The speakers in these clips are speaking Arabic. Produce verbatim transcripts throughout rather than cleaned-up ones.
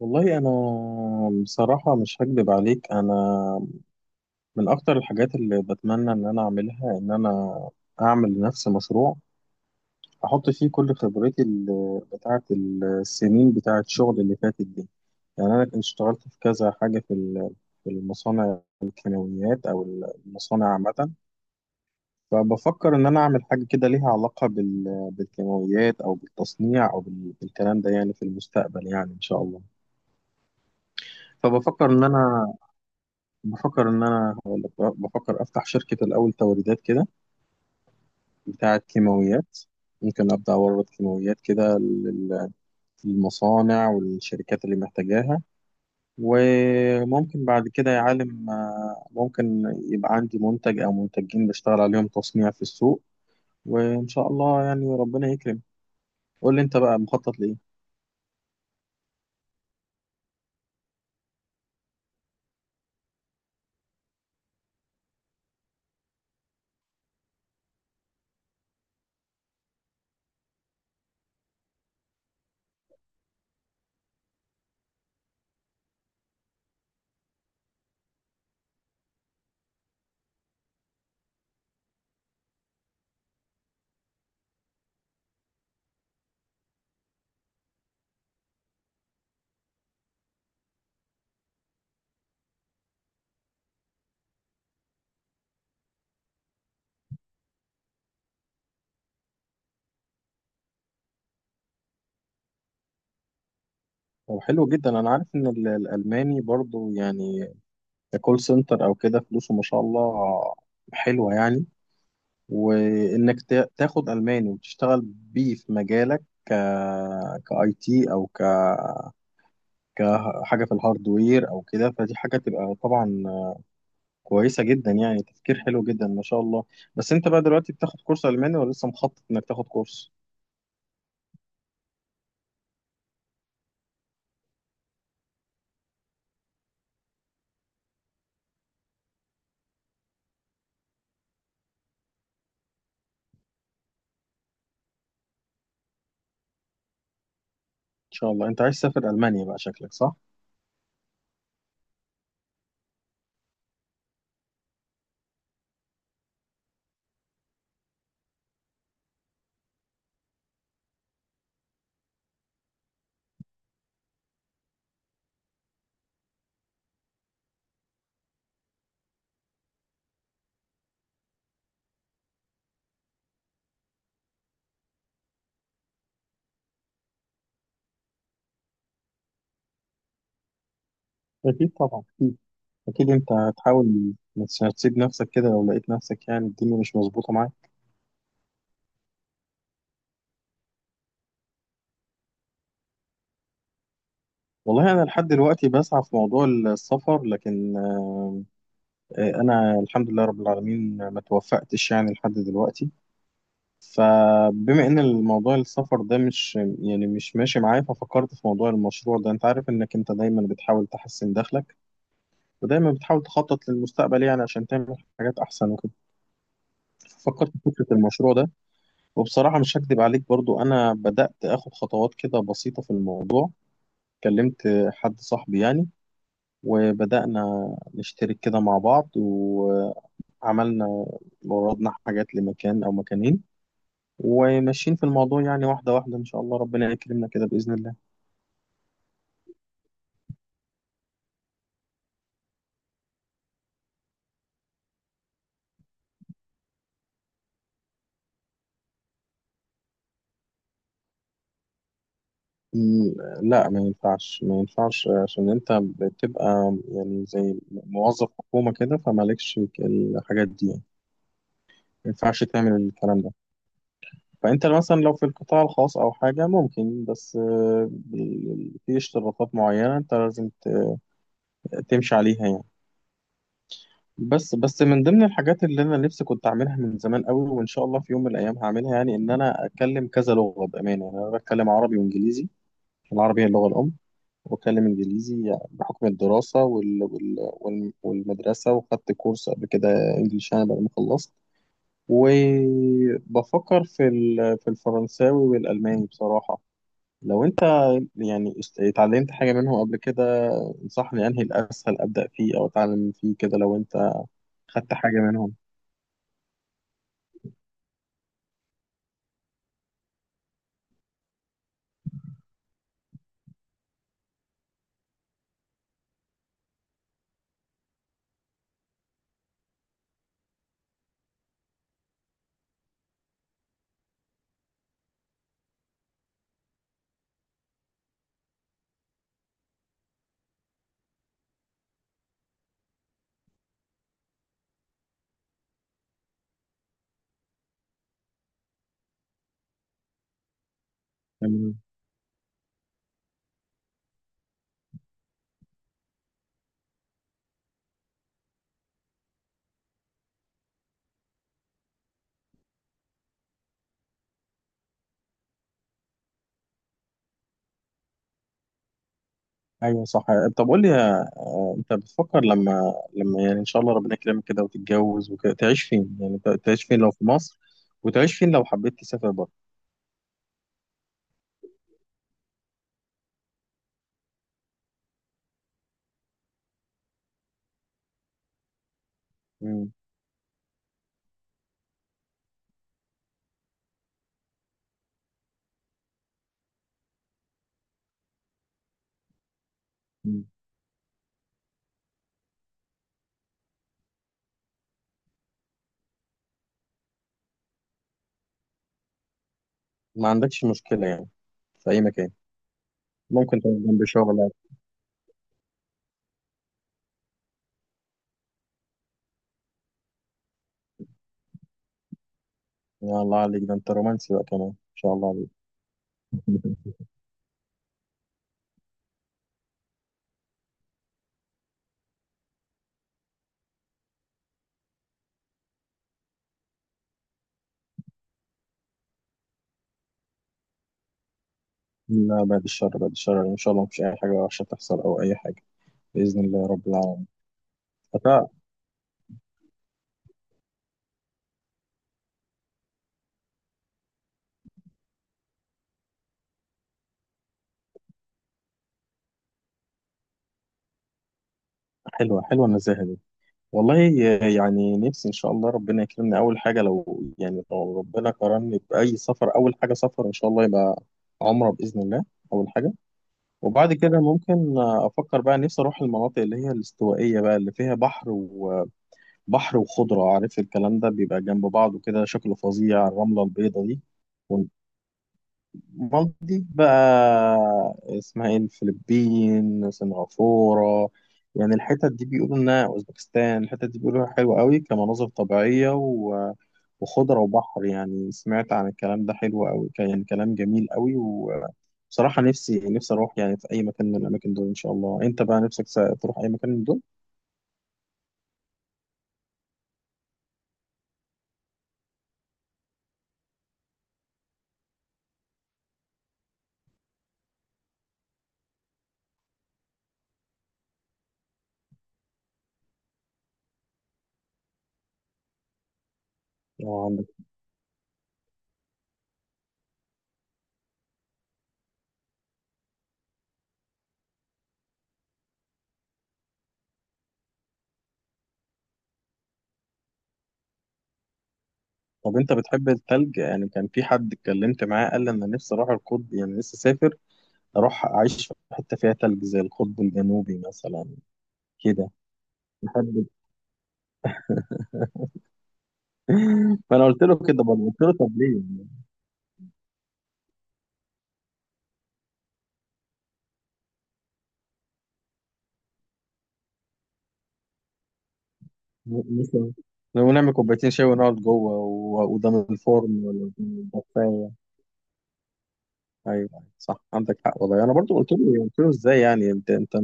والله أنا بصراحة مش هكدب عليك. أنا من أكتر الحاجات اللي بتمنى إن أنا أعملها إن أنا أعمل لنفسي مشروع أحط فيه كل خبرتي ال- بتاعة السنين بتاعة الشغل اللي فاتت دي. يعني أنا كنت اشتغلت في كذا حاجة في ال- في المصانع الكيماويات أو المصانع عامة. فبفكر إن أنا أعمل حاجة كده ليها علاقة بال- بالكيماويات أو بالتصنيع أو بال- بالكلام ده يعني في المستقبل يعني إن شاء الله. فبفكر إن أنا بفكر إن أنا هقول لك بقى، بفكر أفتح شركة الأول توريدات كده بتاعة كيماويات. ممكن أبدأ أورد كيماويات كده لل- للمصانع والشركات اللي محتاجاها. وممكن بعد كده يا عالم، آه، ممكن يبقى عندي منتج أو منتجين بشتغل عليهم تصنيع في السوق، وإن شاء الله يعني ربنا يكرم. قول لي أنت بقى مخطط لإيه؟ طب حلو جدا. أنا عارف إن ال- الألماني برضو يعني ككول سنتر أو كده فلوسه ما شاء الله حلوة يعني. وانك تا- تاخد الماني وتشتغل بيه في مجالك ك كاي تي او ك كحاجه في الهاردوير او كده، فدي حاجه تبقى طبعا كويسه جدا يعني. تفكير حلو جدا ما شاء الله. بس انت بقى دلوقتي بتاخد كورس الماني ولا لسه مخطط انك تاخد كورس؟ ان شاء الله انت عايز تسافر المانيا بقى شكلك، صح. اكيد طبعا، اكيد. اكيد انت هتحاول ما تس- تسيب نفسك كده لو لقيت نفسك يعني الدنيا مش مظبوطه معاك. والله انا لحد دلوقتي بسعى في موضوع السفر، لكن آه، انا الحمد لله رب العالمين ما توفقتش يعني لحد دلوقتي. فبما ان الموضوع السفر ده مش يعني مش ماشي معايا، ففكرت في موضوع المشروع ده. انت عارف انك انت دايما بتحاول تحسن دخلك ودايما بتحاول تخطط للمستقبل يعني عشان تعمل حاجات احسن وكده. فكرت في فكرة المشروع ده. وبصراحة مش هكدب عليك برضو، انا بدأت اخد خطوات كده بسيطة في الموضوع. كلمت حد صاحبي يعني، وبدأنا نشترك كده مع بعض. عملنا وردنا حاجات لمكان أو مكانين، وماشيين في الموضوع يعني واحدة واحدة إن شاء الله ربنا يكرمنا كده بإذن الله. م- لا ما ينفعش ما ينفعش عشان أنت بتبقى يعني زي موظف حكومة كده فمالكش الحاجات دي يعني. ما ينفعش تعمل الكلام ده. فأنت مثلا لو في القطاع الخاص أو حاجة ممكن، بس آه، ب- في اشتراطات معينة أنت لازم ت- تمشي عليها يعني. بس بس من ضمن الحاجات اللي انا نفسي كنت اعملها من زمان قوي وان شاء الله في يوم من الايام هعملها، يعني ان انا اتكلم كذا لغه بامانه. يعني انا بتكلم عربي وانجليزي. العربي هي اللغه الام. واتكلم انجليزي بحكم الدراسه وال... وال... وال... والمدرسه، وخدت كورس قبل كده انجليش انا بعد ما خلصت. وبفكر في ال... في الفرنساوي والالماني بصراحه. لو انت يعني است- اتعلمت حاجه منهم قبل كده، انصحني انهي الاسهل ابدا فيه او اتعلم فيه كده لو انت خدت حاجه منهم. تمام. ايوه صح. طب قول لي، آه، انت بتفكر لما لما يعني ان شاء الله ربنا يكرمك كده وتتجوز وكده، تعيش فين؟ يعني ت- تعيش فين لو في مصر، وتعيش فين لو حبيت تسافر بره؟ مم. مم. ما عندكش مشكلة يعني، في اي مكان؟ ممكن تبقى جنب شغلك. يا الله عليك، ده انت رومانسي بقى كمان، ان شاء الله عليك. لا بعد الشر، بعد الشر، يعني ان شاء الله مفيش اي حاجة وحشة تحصل او اي حاجة. باذن الله رب العالمين. فتاة. حلوة حلوة النزاهة دي والله. يعني نفسي ان شاء الله ربنا يكرمني اول حاجه. لو يعني لو ربنا كرمني باي سفر، اول حاجه سفر ان شاء الله يبقى عمره باذن الله، اول حاجه. وبعد كده ممكن افكر بقى. نفسي اروح المناطق اللي هي الاستوائيه بقى، اللي فيها بحر وبحر وخضره، عارف الكلام ده بيبقى جنب بعض وكده شكله فظيع، الرمله البيضاء دي. مالدي بقى اسمها ايه، الفلبين، سنغافورة. يعني الحتت دي بيقولوا انها اوزبكستان، الحتت دي بيقولوا حلوة قوي كمناظر طبيعية و... وخضرة وبحر. يعني سمعت عن الكلام ده حلو قوي كان، يعني كلام جميل قوي. وبصراحة نفسي نفسي اروح يعني في اي مكان من الاماكن دول ان شاء الله. انت بقى نفسك س- تروح اي مكان من دول؟ لو عندك. طب انت بتحب التلج؟ يعني كان في حد اتكلمت معاه قال لي انا نفسي اروح القطب، يعني نفسي اسافر اروح اعيش في حته فيها تلج زي القطب الجنوبي مثلا كده محدد. فانا قلت له كده برضه، قلت له طب ليه يعني؟ مثلا لو نعمل كوبايتين شاي ونقعد جوه و- وقدام الفرن ولا قدام الدفايه. ايوه، أيوة، صح عندك حق والله. انا برضو قلت له، قلت له ازاي يعني انت انت،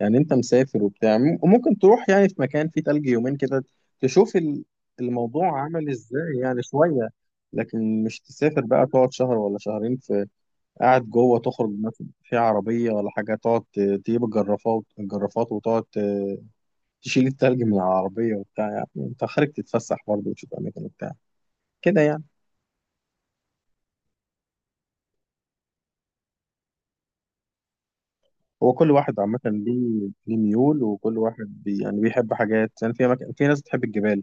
يعني انت مسافر وبتاع م- وممكن تروح يعني في مكان فيه تلج يومين كده تشوف ال- الموضوع عامل ازاي يعني شويه. لكن مش تسافر بقى تقعد شهر ولا شهرين في، قاعد جوه. تخرج مثلا في عربية ولا حاجة، تقعد ت- تجيب الجرافات الجرافات وتقعد ت- تشيل التلج من العربية وبتاع، يعني انت خارج تتفسح برضه وتشوف أماكن وبتاع كده يعني. هو كل واحد عامة ليه ليه ميول، وكل واحد بي يعني بيحب حاجات يعني. في أماكن، في ناس بتحب الجبال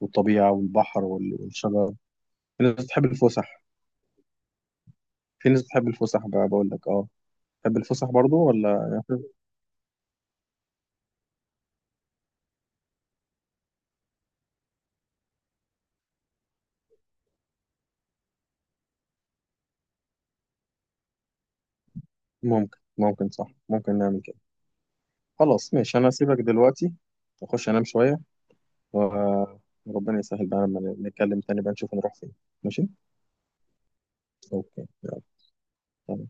والطبيعة والبحر وال- والشجر. في ناس بتحب الفسح. في ناس بتحب الفسح بقى بقول لك، اه. تحب الفسح برضه ولا يعني؟ ممكن ممكن، صح، ممكن نعمل كده. خلاص ماشي. أنا هسيبك دلوقتي أخش أنام شوية. وربنا يسهل بقى لما نتكلم تاني بقى نشوف نروح فين. ماشي. اوكي. يلا